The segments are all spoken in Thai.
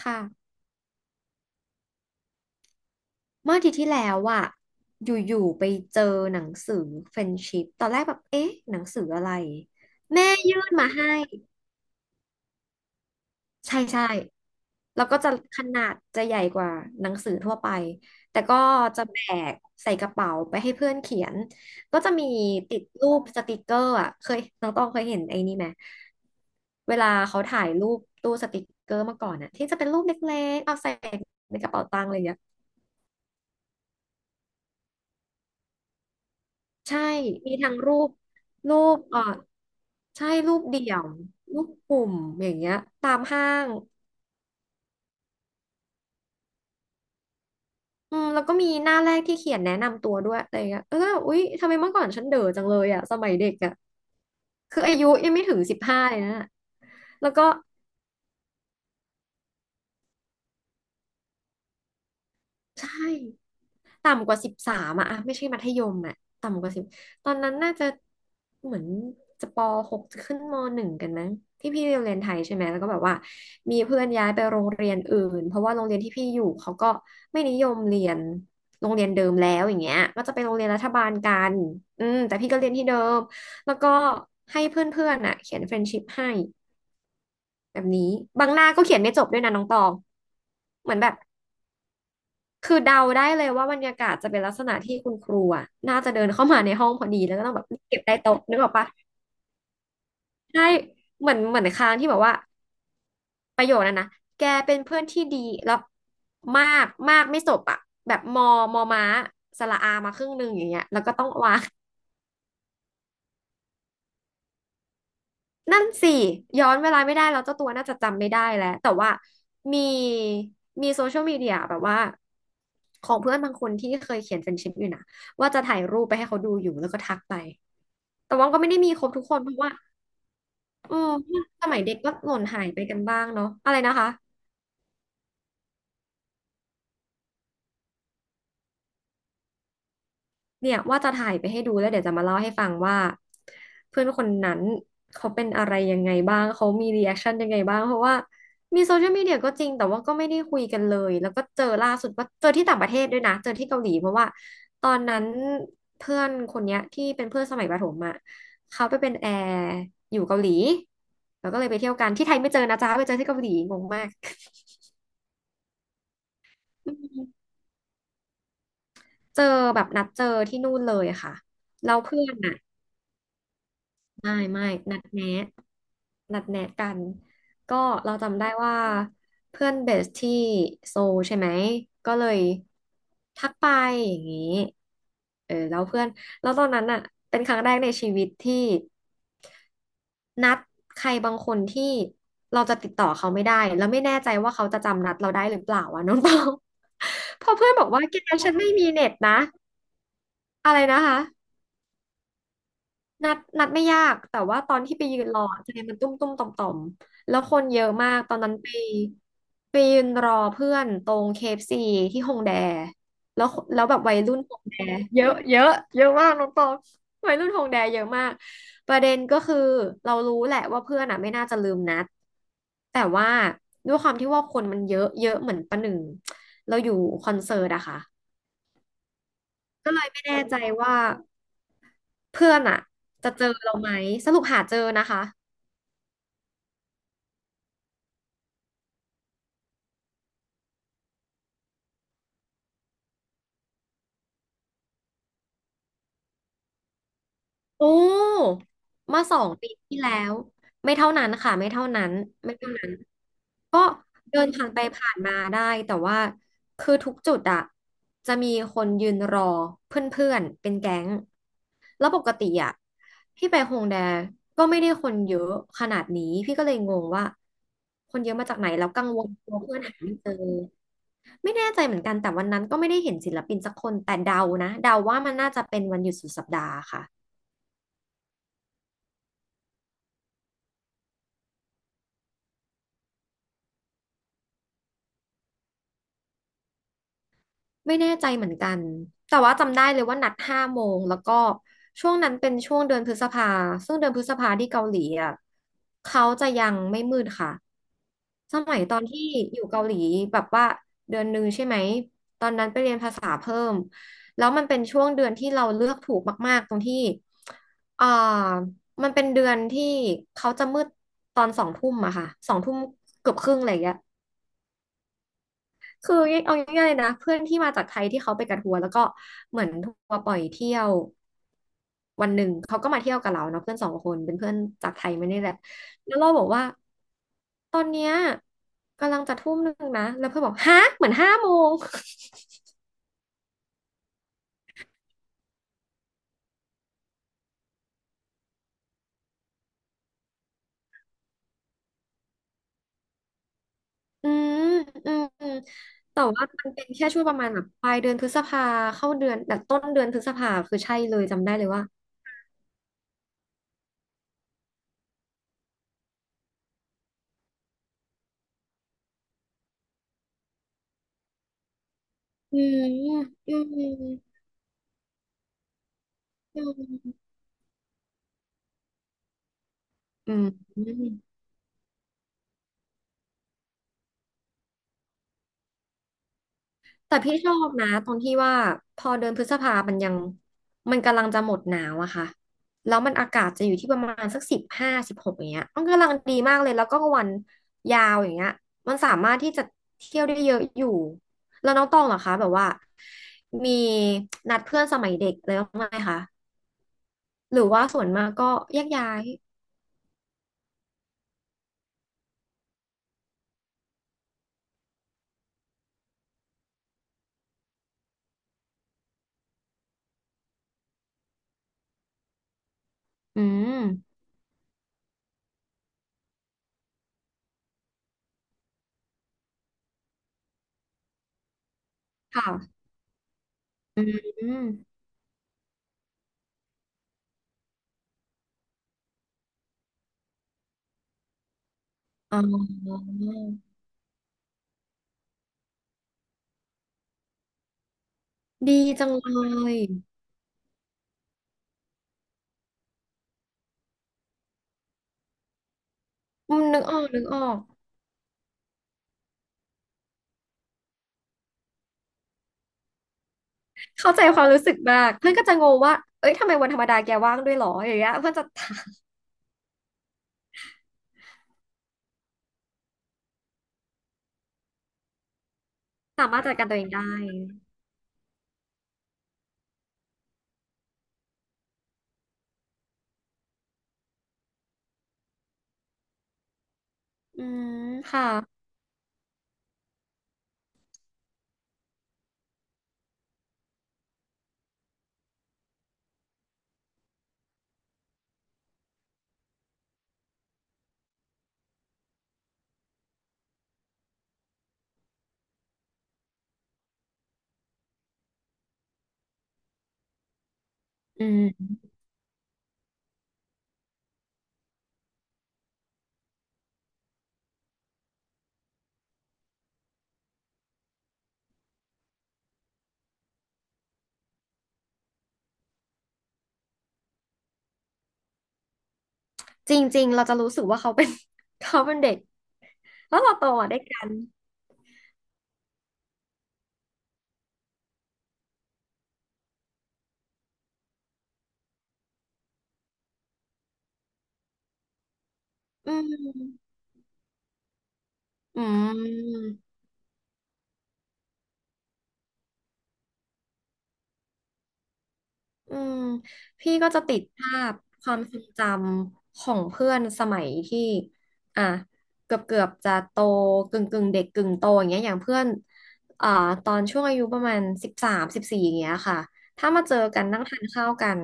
ค่ะเมื่ออาทิตย์ที่แล้วอ่ะอยู่ๆไปเจอหนังสือเฟรนด์ชิพตอนแรกแบบเอ๊ะหนังสืออะไรแม่ยื่นมาให้ใช่ใช่แล้วก็จะขนาดจะใหญ่กว่าหนังสือทั่วไปแต่ก็จะแบกใส่กระเป๋าไปให้เพื่อนเขียนก็จะมีติดรูปสติกเกอร์อ่ะเคยน้องต้องเคยเห็นไอ้นี่ไหมเวลาเขาถ่ายรูปตู้สติกเกอร์เมื่อก่อนอ่ะที่จะเป็นรูปเล็กๆเอาใส่ในกระเป๋าตังค์อะไรอย่างเงี้ย ใช่ มีทั้งรูป รูปใช่ รูปเดี่ยว รูปกลุ่ม อย่างเงี้ย ตามห้างอืมแล้วก็มีหน้าแรกที่เขียนแนะนำตัวด้วยอะไรเงี้ยอุ๊ยทำไมเมื่อก่อนฉันเด๋อจังเลยอ่ะสมัยเด็กอ่ะคืออายุยังไม่ถึง15เลยนะแล้วก็ ใช่ ต่ำกว่า13อะ ไม่ใช่มัธยมอะต่ำกว่า10ตอนนั้นน่าจะเหมือนจะปหกจะขึ้นมหนึ่งกันนะที่พี่เรียนไทยใช่ไหมแล้วก็แบบว่ามีเพื่อนย้ายไปโรงเรียนอื่นเพราะว่าโรงเรียนที่พี่อยู่เขาก็ไม่นิยมเรียนโรงเรียนเดิมแล้วอย่างเงี้ยก็จะไปโรงเรียนรัฐบาลกันอืมแต่พี่ก็เรียนที่เดิมแล้วก็ให้เพื่อนๆอ่ะเขียนเฟรนด์ชิพให้แบบนี้บางหน้าก็เขียนไม่จบด้วยนะน้องตองเหมือนแบบ คือเดาได้เลยว่าบรรยากาศจะเป็นลักษณะที่คุณครูอ่ะน่าจะเดินเข้ามาในห้องพอดีแล้วก็ต้องแบบเก็บใต้โต๊ะนึกออกปะใช่เหมือนค้างที่แบบว่าประโยคนั้นนะแกเป็นเพื่อนที่ดีแล้วมากมากไม่จบอ่ะแบบมอมอม้าสระอามาครึ่งหนึ่งอย่างเงี้ยแล้วก็ต้องวาง นั่นสิย้อนเวลาไม่ได้แล้วเจ้าตัวน่าจะจำไม่ได้แล้วแต่ว่ามีมีโซเชียลมีเดียแบบว่าของเพื่อนบางคนที่เคยเขียนเฟรนด์ชิพอยู่นะว่าจะถ่ายรูปไปให้เขาดูอยู่แล้วก็ทักไปแต่ว่าก็ไม่ได้มีครบทุกคนเพราะว่าเออสมัยเด็กก็หล่นหายไปกันบ้างเนาะอะไรนะคะ เนี่ยว่าจะถ่ายไปให้ดูแล้วเดี๋ยวจะมาเล่าให้ฟังว่าเพื่อนคนนั้นเขาเป็นอะไรยังไงบ้างเขามีรีแอคชั่นยังไงบ้างเพราะว่ามีโซเชียลมีเดียก็จริงแต่ว่าก็ไม่ได้คุยกันเลยแล้วก็เจอล่าสุดว่าเจอที่ต่างประเทศด้วยนะเจอที่เกาหลีเพราะว่าตอนนั้นเพื่อนคนเนี้ยที่เป็นเพื่อนสมัยประถมอ่ะเขาไปเป็นแอร์อยู่เกาหลีแล้วก็เลยไปเที่ยวกันที่ไทยไม่เจอนะจ๊ะไปเจอที่เกาหลีงงมากอืมเจอแบบนัดเจอที่นู่นเลยอะค่ะเราเพื่อนอ่ะ ไม่ไม่นัดแนะนัดแนะกันก็เราจำได้ว่าเพื่อนเบสที่โซลใช่ไหมก็เลยทักไปอย่างนี้เออแล้วเพื่อนแล้วตอนนั้นอ่ะเป็นครั้งแรกในชีวิตที่นัดใครบางคนที่เราจะติดต่อเขาไม่ได้แล้วไม่แน่ใจว่าเขาจะจำนัดเราได้หรือเปล่าอ่ะน้องตอง พอเพื่อนบอกว่าแกฉันไม่มีเน็ตนะอะไรนะคะ นัดไม่ยากแต่ว่าตอนที่ไปยืนรออะใจมันตุ้มตุ้มต่อมต่อมแล้วคนเยอะมากตอนนั้นไปยืนรอเพื่อนตรง KCที่ฮงแดแล้วแล้วแบบวัยรุ่นฮงแดเยอะเยอะเยอะมากน้องตองวัยรุ่นฮงแดเยอะมากประเด็นก็คือเรารู้แหละว่าเพื่อนอ่ะไม่น่าจะลืมนัดแต่ว่าด้วยความที่ว่าคนมันเยอะเยอะเหมือนประหนึ่งเราอยู่คอนเสิร์ตอะค่ะก็เลยไม่แน่ใจว่า เพื่อนอะจะเจอเราไหมสรุปหาเจอนะคะโอ้เมื่อ2 ปีที่แล้วไม่เท่านั้นค่ะไม่เท่านั้นไม่เท่านั้นก็เดินผ่านไปผ่านมาได้แต่ว่าคือทุกจุดอะจะมีคนยืนรอเพื่อนๆเป็นแก๊งแล้วปกติอะพี่ไปฮงแดก็ไม่ได้คนเยอะขนาดนี้พี่ก็เลยงงว่าคนเยอะมาจากไหนแล้วกังวลกลัวเพื่อนหาไม่เจอ ไม่แน่ใจเหมือนกันแต่วันนั้นก็ไม่ได้เห็นศิลปินสักคนแต่เดานะเดาว่ามันน่าจะเป็นวันหยุดสุดสัปดาห์ค่ะ ไม่แน่ใจเหมือนกัน แต่ว่าจำได้เลยว่านัดห้าโมงแล้วก็ช่วงนั้นเป็นช่วงเดือนพฤษภาซึ่งเดือนพฤษภาที่เกาหลีอ่ะเขาจะยังไม่มืดค่ะสมัยตอนที่อยู่เกาหลีแบบว่าเดือนหนึ่งใช่ไหมตอนนั้นไปเรียนภาษาเพิ่ม แล้วมันเป็นช่วงเดือนที่เราเลือกถูกมากๆตรงที่เอ่อมันเป็นเดือนที่เขาจะมืดตอนสองทุ่มอะค่ะสองทุ่มเกือบครึ่งอะไรอย่างเงี้ย คือเอาง่ายๆเลยนะเพื่อนที่มาจากไทยที่เขาไปกับทัวร์แล้วก็เหมือนทัวร์ปล่อยเที่ยววันหนึ่งเขาก็มาเที่ยวกับเราเนาะเพื่อนสองคนเป็นเพื่อนจากไทยมานี่แหละแล้วเราบอกว่าตอนเนี้ยกำลังจะ1 ทุ่มนะแล้วเพื่อนบอกฮะเหมือนห้าโมงอืมอืมอืมแต่ว่ามันเป็นแค่ช่วงประมาณแบบปลายเดือนพฤษภาเข้าเดือนแบบต้นเดือนพฤษภาคือใช่เลยจำได้เลยว่าอืมอืมอืมอืม แต่พี่ชอบนะตรงที่ว่าพอเดือนพฤษภามันยังมันกำลังจะหมดหนาวอะค่ะแล้วมันอากาศจะอยู่ที่ประมาณสัก15-16อย่างเงี้ยมันกำลังดีมากเลยแล้วก็วันยาวอย่างเงี้ยมันสามารถที่จะเที่ยวได้เยอะอยู่แล้วน้องตองเหรอคะแบบว่ามีนัดเพื่อนสมัยเด็กเลยบ้างไหมคะหรือว่าส่วนมากก็แยกย้ายอืมค่ะอืมอ๋อดีจังเลยอืมนึกออกนึกออก เข้าใจความรู้สึกมากเพื่อนก็จะงงว่า เอ้ยทำไมวันธรรมดาแกว่างด้วยหรออย่างเงี้ยเพื่อนจะสามารถจัดการตัวเองได้ อืมค่ะ อืมจริงๆเราจะรู้สึกว่าเขาเป็น เขาเป็นเด็กแล้วเราโตอ่ะด้วยกัน อืมอืม อืมพี่ก็จะติดภาพความทรงจำของเพื่อนสมัยที่อ่ะเกือบเกือบจะโตกึ่งกึ่งเด็กกึ่งโตอย่างเงี้ยอย่างเพื่อนอ่าตอนช่วงอายุประมาณ13-14อย่างเงี้ยค่ะถ้ามาเจอกันนั่งทานข้าวกัน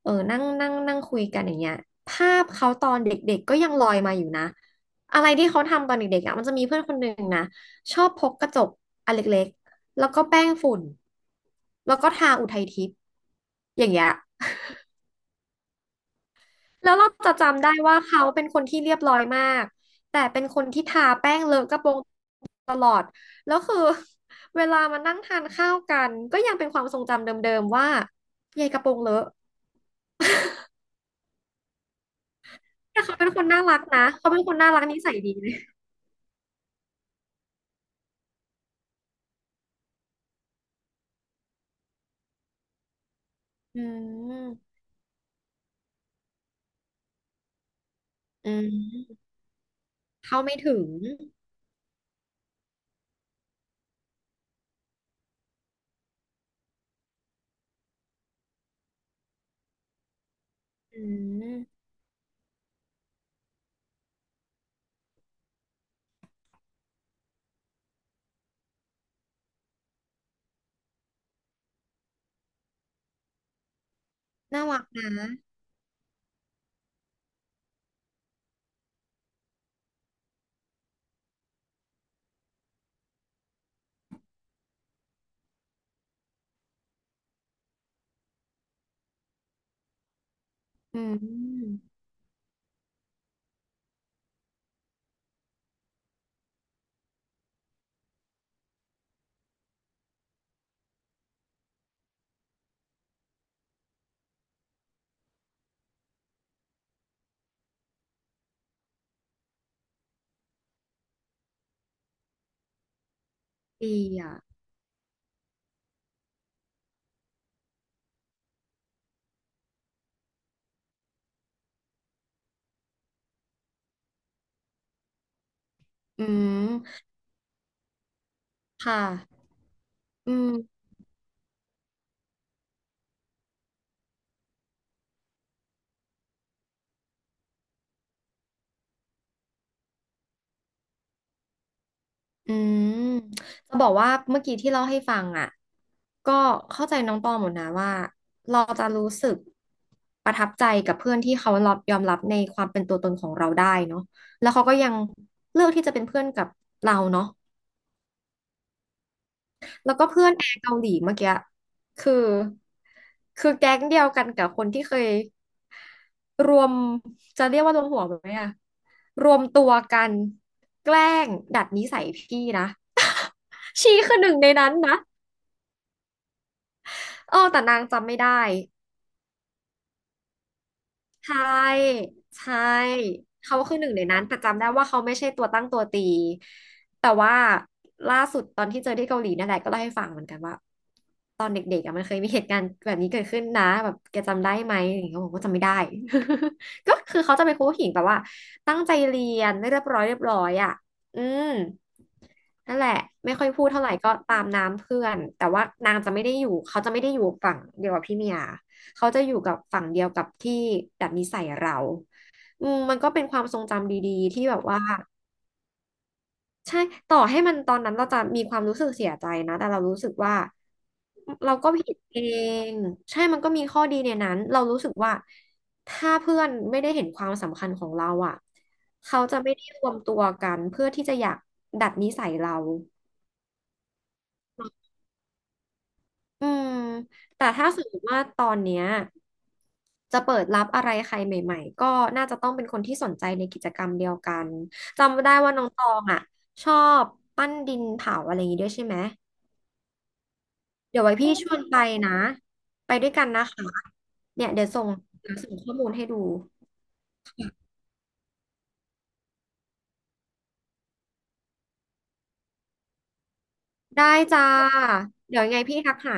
เออนั่งนั่งนั่งคุยกันอย่างเงี้ยภาพเขาตอนเด็กๆก็ยังลอยมาอยู่นะอะไรที่เขาทำตอนเด็กๆอ่ะมันจะมีเพื่อนคนหนึ่งนะชอบพกกระจกอันเล็ก แล้วก็แป้งฝุ่น แล้วก็ทาอุทัยทิพย์อย่างเงี้ย แล้วเราจะจำได้ว่าเขาเป็นคนที่เรียบร้อยมาก แต่เป็นคนที่ทาแป้งเลอะกระโปรงตลอดแล้วคือ เวลามานั่งทานข้าวกันก็ยังเป็นความทรงจำเดิมๆว่ายายกระโปรงเลอะแต่เขาเป็นคนน่ารักนะเขาเป็นคนน่ารักนิสัยดีเลยอืมอืมเข้าไม่ถึงอืมน่ารักนะอืมดีอ่ะอืมค่ะอืม อืมจะบอกว่าเมื่อกี้ที่เล่าให้ฟังอ่ะก็เข้าใจน้องตองหมดนะว่าเราจะรู้สึกประทับใจกับเพื่อนที่เขารับยอมรับในความเป็นตัวตนของเราได้เนาะแล้วเขาก็ยังเลือกที่จะเป็นเพื่อนกับเราเนาะแล้วก็เพื่อนแอร์เกาหลีเมื่อกี้คือคือแก๊งเดียวกันกับคนที่เคยรวมจะเรียกว่ารวมหัวไหมอะรวมตัวกันแกล้งดัดนิสัยพี่นะชีคือหนึ่งในนั้นนะ เออแต่นางจำไม่ได้ใช่ใช่เขาคือหนึ่งในนั้นแต่จำได้ว่าเขาไม่ใช่ตัวตั้งตัวตีแต่ว่าล่าสุดตอนที่เจอที่เกาหลีนั่นแหละก็เล่าให้ฟังเหมือนกันว่าตอนเด็กๆอะมันเคยมีเหตุการณ์แบบนี้เกิดขึ้นนะแบบแกจำได้ไหมอย่างเงี้ยผมก็จำไม่ได้ ก็คือเขาจะเป็นครูผู้หญิงแบบว่าตั้งใจเรียนเรียบร้อยเรียบร้อยอ่ะอืมนั่นแหละไม่ค่อยพูดเท่าไหร่ก็ตามน้ำเพื่อนแต่ว่านางจะไม่ได้อยู่เขาจะไม่ได้อยู่ฝั่งเดียวกับพี่เมีย เขาจะอยู่กับฝั่งเดียวกับที่ดัดนิสัยเราอืมมันก็เป็นความทรงจำดีๆที่แบบว่าใช่ต่อให้มันตอนนั้นเราจะมีความรู้สึกเสียใจนะแต่เรารู้สึกว่าเราก็ผิดเองใช่มันก็มีข้อดีในนั้นเรารู้สึกว่าถ้าเพื่อนไม่ได้เห็นความสำคัญของเราอ่ะเขาจะไม่ได้รวมตัวกันเพื่อที่จะอยากดัดนิสัยเรา อืมแต่ถ้าสมมติว่าตอนเนี้ยจะเปิดรับอะไรใครใหม่ๆก็น่าจะต้องเป็นคนที่สนใจในกิจกรรมเดียวกันจำได้ว่าน้องตองอ่ะชอบปั้นดินเผาอะไรอย่างงี้ด้วยใช่ไหมเดี๋ยวไว้พี่ชวนไปนะไปด้วยกันนะคะเนี่ยเดี๋ยวส่งเดี๋ยวส่งข้อมูลให้ดูได้จ้าเดี๋ยวยังไงพี่ทักหา